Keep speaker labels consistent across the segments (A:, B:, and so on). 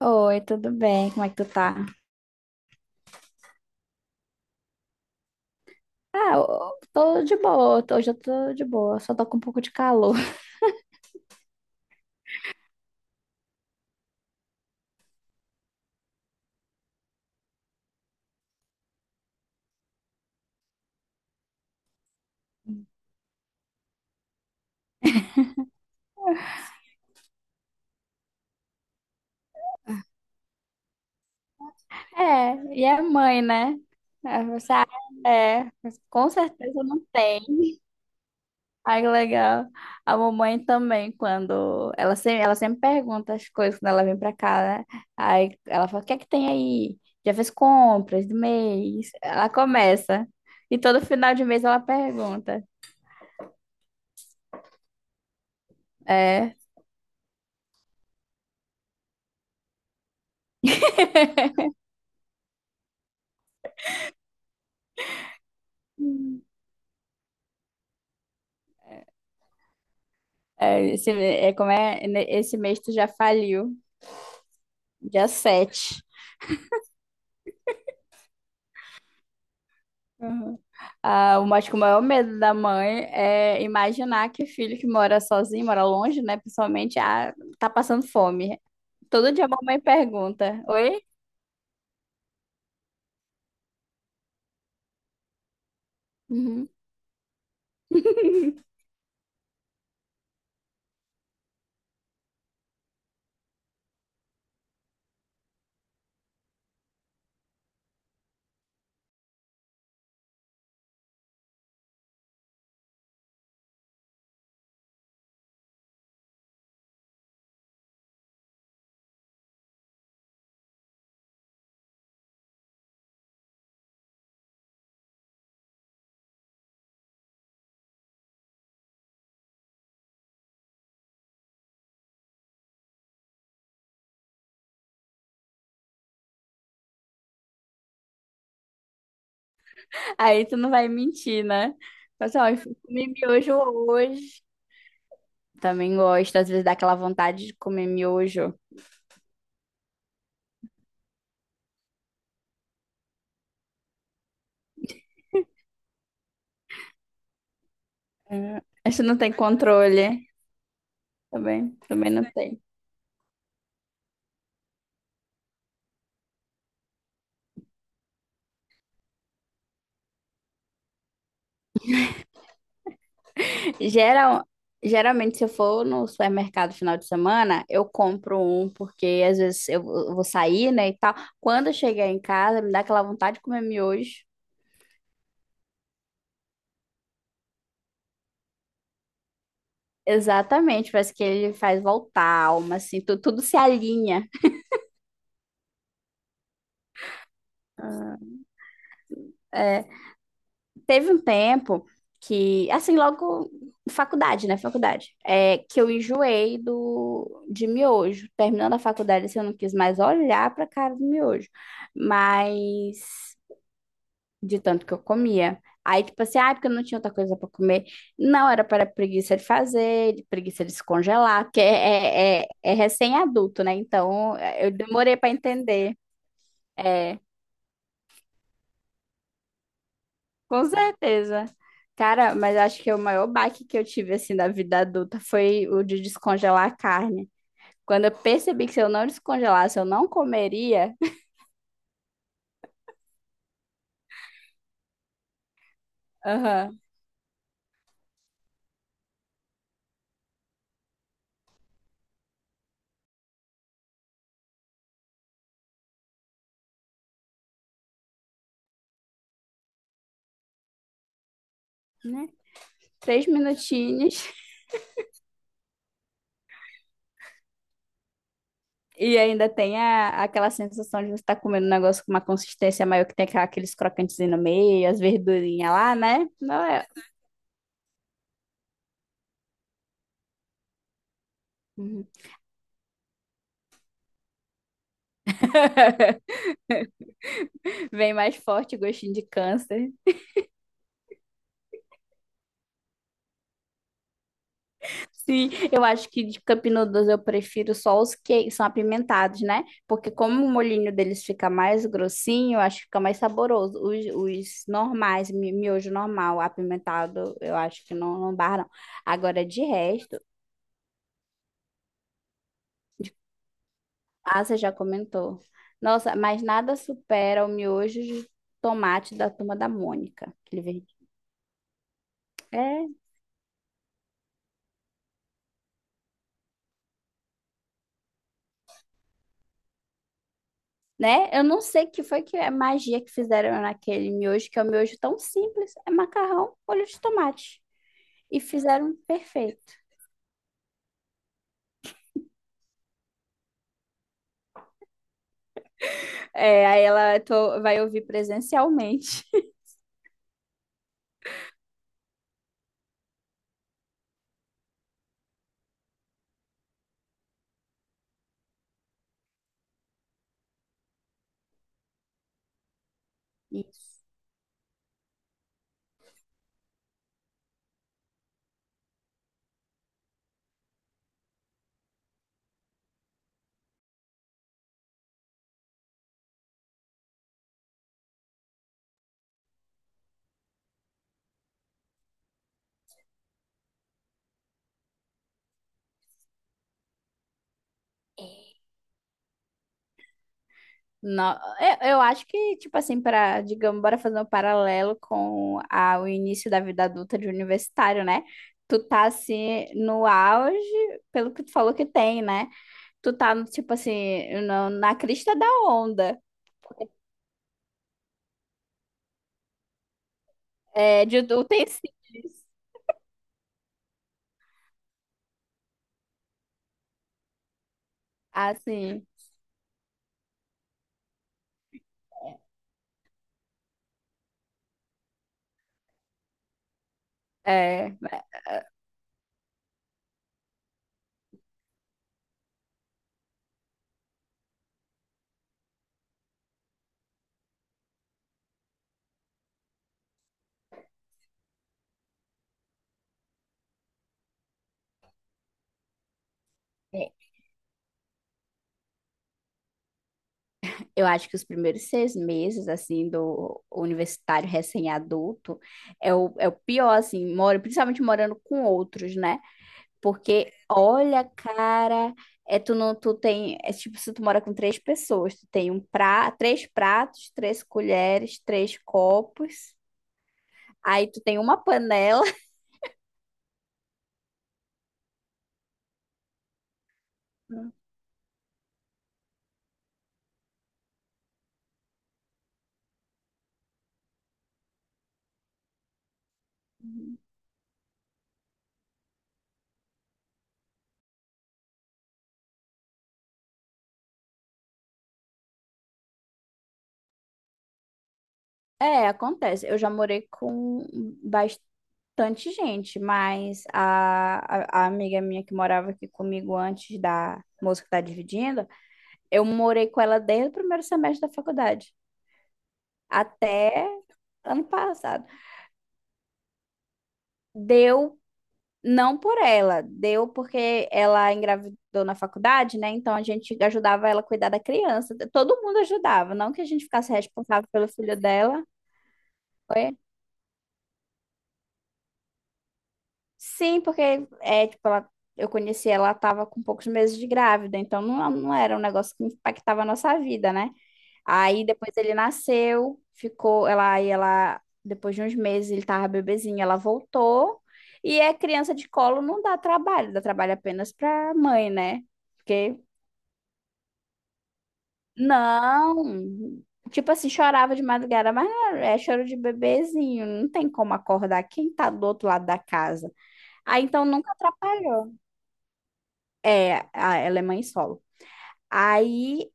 A: Oi, tudo bem? Como é que tu tá? Ah, eu tô de boa. Hoje eu tô de boa, só tô com um pouco de calor. É, e é mãe, né? É, você, mas com certeza não tem. Ai, que legal. A mamãe também, ela sempre pergunta as coisas quando ela vem pra cá, né? Aí ela fala: o que é que tem aí? Já fez compras do mês? Ela começa. E todo final de mês ela pergunta. É. É, Esse, é, como é, né, esse mês tu já faliu, dia 7. Uhum. Ah, acho que o maior medo da mãe é imaginar que o filho que mora sozinho, mora longe, né, principalmente, ah, tá passando fome. Todo dia a mamãe pergunta, oi? Uhum. Aí tu não vai mentir, né? Fala assim, ó, eu fui comer miojo hoje. Também gosto, às vezes dá aquela vontade de comer miojo. Uhum. Isso não tem controle. Também, também não tem. Geral, geralmente, se eu for no supermercado final de semana, eu compro um, porque às vezes eu vou sair, né, e tal. Quando eu chegar em casa, me dá aquela vontade de comer miojo. Exatamente, parece que ele faz voltar a alma, assim, tudo se alinha. É, teve um tempo que, assim, logo faculdade, né, faculdade, é, que eu enjoei de miojo. Terminando a faculdade, assim, eu não quis mais olhar pra cara do miojo. Mas de tanto que eu comia. Aí, tipo assim, porque eu não tinha outra coisa para comer. Não, era para preguiça de fazer, de preguiça de se congelar, porque é recém-adulto, né? Então, eu demorei para entender. É, com certeza. Cara, mas acho que o maior baque que eu tive, assim, da vida adulta foi o de descongelar a carne. Quando eu percebi que se eu não descongelasse, eu não comeria. Aham. Né? Três minutinhos. E ainda tem aquela sensação de você estar comendo um negócio com uma consistência maior que tem aqueles crocantes no meio, as verdurinhas lá, né? Não é. Uhum. Vem mais forte o gostinho de câncer. Sim, eu acho que de Cup Noodles eu prefiro só os que são apimentados, né? Porque como o molhinho deles fica mais grossinho, eu acho que fica mais saboroso. Os normais, miojo normal, apimentado, eu acho que não, não barra, não. Agora, de resto. Ah, você já comentou. Nossa, mas nada supera o miojo de tomate da Turma da Mônica. Aquele verde. É, né? Eu não sei que foi que é magia que fizeram naquele miojo, que é um miojo tão simples. É macarrão, molho de tomate. E fizeram perfeito. É, aí ela vai ouvir presencialmente. Isso. Não, eu acho que, tipo assim, para, digamos, bora fazer um paralelo com o início da vida adulta de universitário, né? Tu tá, assim, no auge, pelo que tu falou que tem, né? Tu tá, tipo assim, na crista da onda, de utensílios, assim, é, é, eu acho que os primeiros 6 meses, assim, do universitário recém-adulto é o pior, assim, principalmente morando com outros, né? Porque, olha, cara, é tu não, tu tem, é tipo se tu mora com 3 pessoas, tu tem três pratos, três colheres, três copos, aí tu tem uma panela. É, acontece. Eu já morei com bastante gente, mas a amiga minha que morava aqui comigo antes da moça que tá dividindo, eu morei com ela desde o primeiro semestre da faculdade até ano passado. Deu Não por ela, deu porque ela engravidou na faculdade, né? Então a gente ajudava ela a cuidar da criança. Todo mundo ajudava, não que a gente ficasse responsável pelo filho dela. Sim, porque é, tipo, ela, eu conheci ela, estava com poucos meses de grávida, então não, não era um negócio que impactava a nossa vida, né? Aí depois ele nasceu, ficou, depois de uns meses ele tava bebezinho, ela voltou, e é criança de colo não dá trabalho, dá trabalho apenas pra mãe, né? Porque, não, tipo assim, chorava de madrugada, mas não, é é choro de bebezinho, não tem como acordar quem tá do outro lado da casa. Aí então nunca atrapalhou. É, ela é mãe solo. Aí,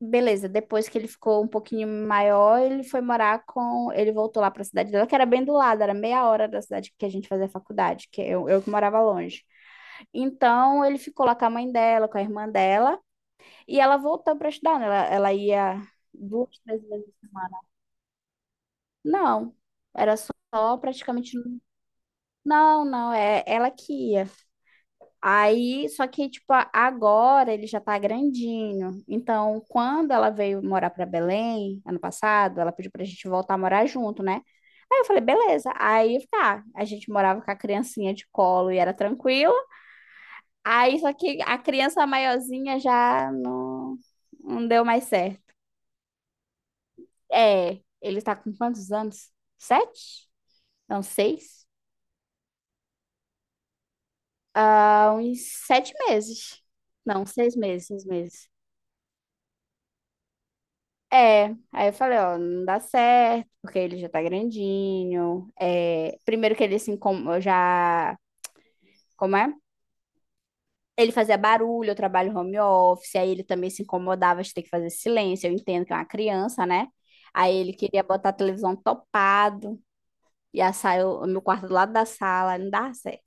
A: beleza, depois que ele ficou um pouquinho maior, ele foi morar com. Ele voltou lá pra cidade dela, que era bem do lado, era 30 minutos da cidade que a gente fazia faculdade, que eu que morava longe. Então, ele ficou lá com a mãe dela, com a irmã dela, e ela voltou pra estudar, né? Ela ia duas, três vezes. Não, era só praticamente. Não, não, é ela que ia. Aí, só que, tipo, agora ele já tá grandinho. Então, quando ela veio morar pra Belém, ano passado, ela pediu pra gente voltar a morar junto, né? Aí eu falei, beleza. Aí, tá, a gente morava com a criancinha de colo e era tranquilo. Aí, só que a criança maiorzinha já não deu mais certo. É, ele tá com quantos anos? 7? Não, 6? Ah, uns 7 meses. Não, 6 meses, 6 meses. É, aí eu falei, ó, não dá certo, porque ele já tá grandinho. É, primeiro que ele se incomodava, já, como é? Ele fazia barulho, eu trabalho home office, aí ele também se incomodava de ter que fazer silêncio, eu entendo que é uma criança, né? Aí ele queria botar a televisão topado, e a sala, o meu quarto do lado da sala, não dá certo.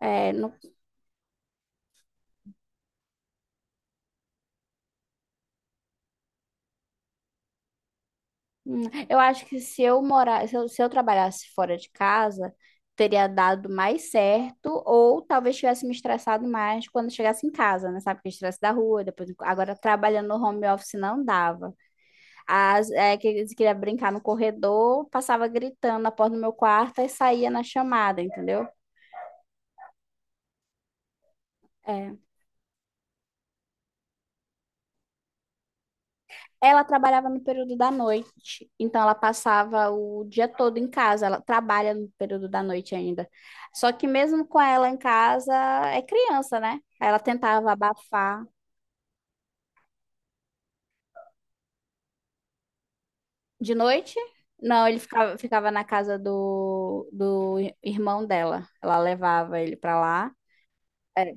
A: É, não. Hum, Eu acho que se eu morar, se eu, se eu trabalhasse fora de casa, teria dado mais certo, ou talvez tivesse me estressado mais quando chegasse em casa, né? Sabe que estresse da rua, depois agora trabalhando no home office não dava. Que eles queria brincar no corredor, passava gritando na porta do meu quarto e saía na chamada, entendeu? Ela trabalhava no período da noite, então ela passava o dia todo em casa. Ela trabalha no período da noite ainda. Só que mesmo com ela em casa, é criança, né? Aí ela tentava abafar. De noite? Não, ele ficava, ficava na casa do irmão dela. Ela levava ele pra lá. É,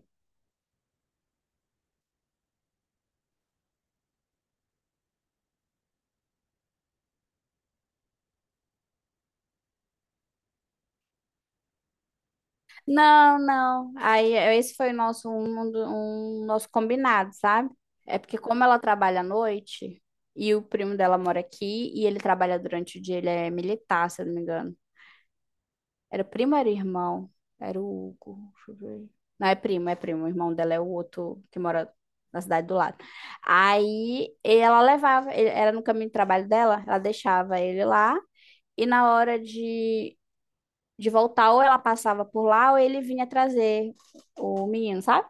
A: não, não. Aí esse foi o nosso um, um do- um nosso combinado, sabe? É porque como ela trabalha à noite e o primo dela mora aqui e ele trabalha durante o dia, ele é militar, se eu não me engano. Era primo, ou era irmão, era o Hugo, deixa eu ver. Não é primo, é primo. O irmão dela é o outro que mora na cidade do lado. Aí ela levava, era no caminho de trabalho dela, ela deixava ele lá e na hora de voltar, ou ela passava por lá, ou ele vinha trazer o menino, sabe?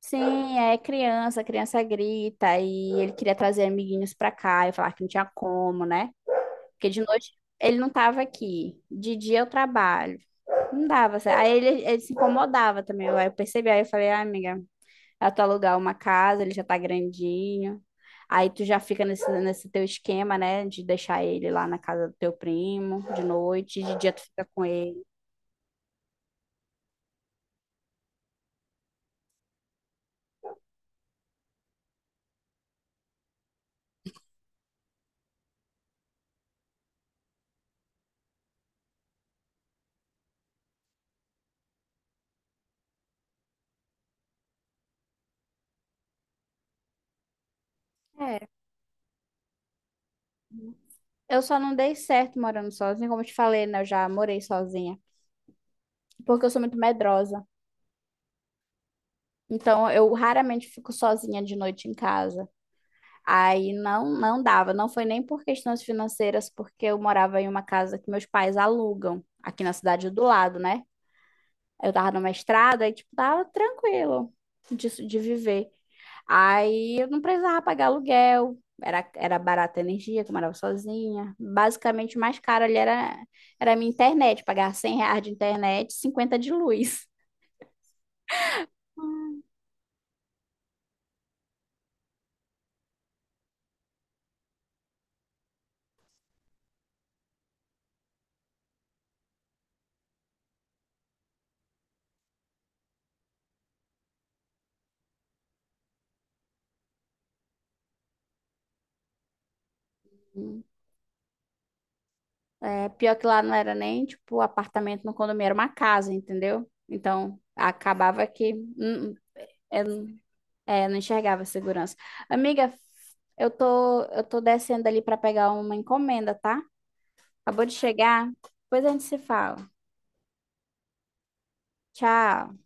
A: Sim, é criança, criança grita, e ele queria trazer amiguinhos pra cá, e falar que não tinha como, né? Porque de noite ele não tava aqui, de dia eu trabalho, não dava certo. Aí ele se incomodava também, aí eu percebi, aí eu falei, ah, amiga, é tu alugar uma casa, ele já tá grandinho, aí tu já fica nesse teu esquema, né, de deixar ele lá na casa do teu primo, de noite, de dia tu fica com ele. É. Eu só não dei certo morando sozinha, como eu te falei, né? Eu já morei sozinha, porque eu sou muito medrosa. Então, eu raramente fico sozinha de noite em casa. Aí não, não dava, não foi nem por questões financeiras, porque eu morava em uma casa que meus pais alugam, aqui na cidade do lado, né? Eu tava numa estrada e, tipo, tava tranquilo disso de viver. Aí eu não precisava pagar aluguel, era barata a energia, que eu morava sozinha. Basicamente, o mais caro ali era a minha internet, pagar 100 reais de internet, 50 de luz. Hum. É, pior que lá não era nem, tipo, apartamento no condomínio, era uma casa, entendeu? Então, acabava que eu não- é, não enxergava segurança. Amiga, eu tô descendo ali para pegar uma encomenda, tá? Acabou de chegar, depois a gente se fala. Tchau.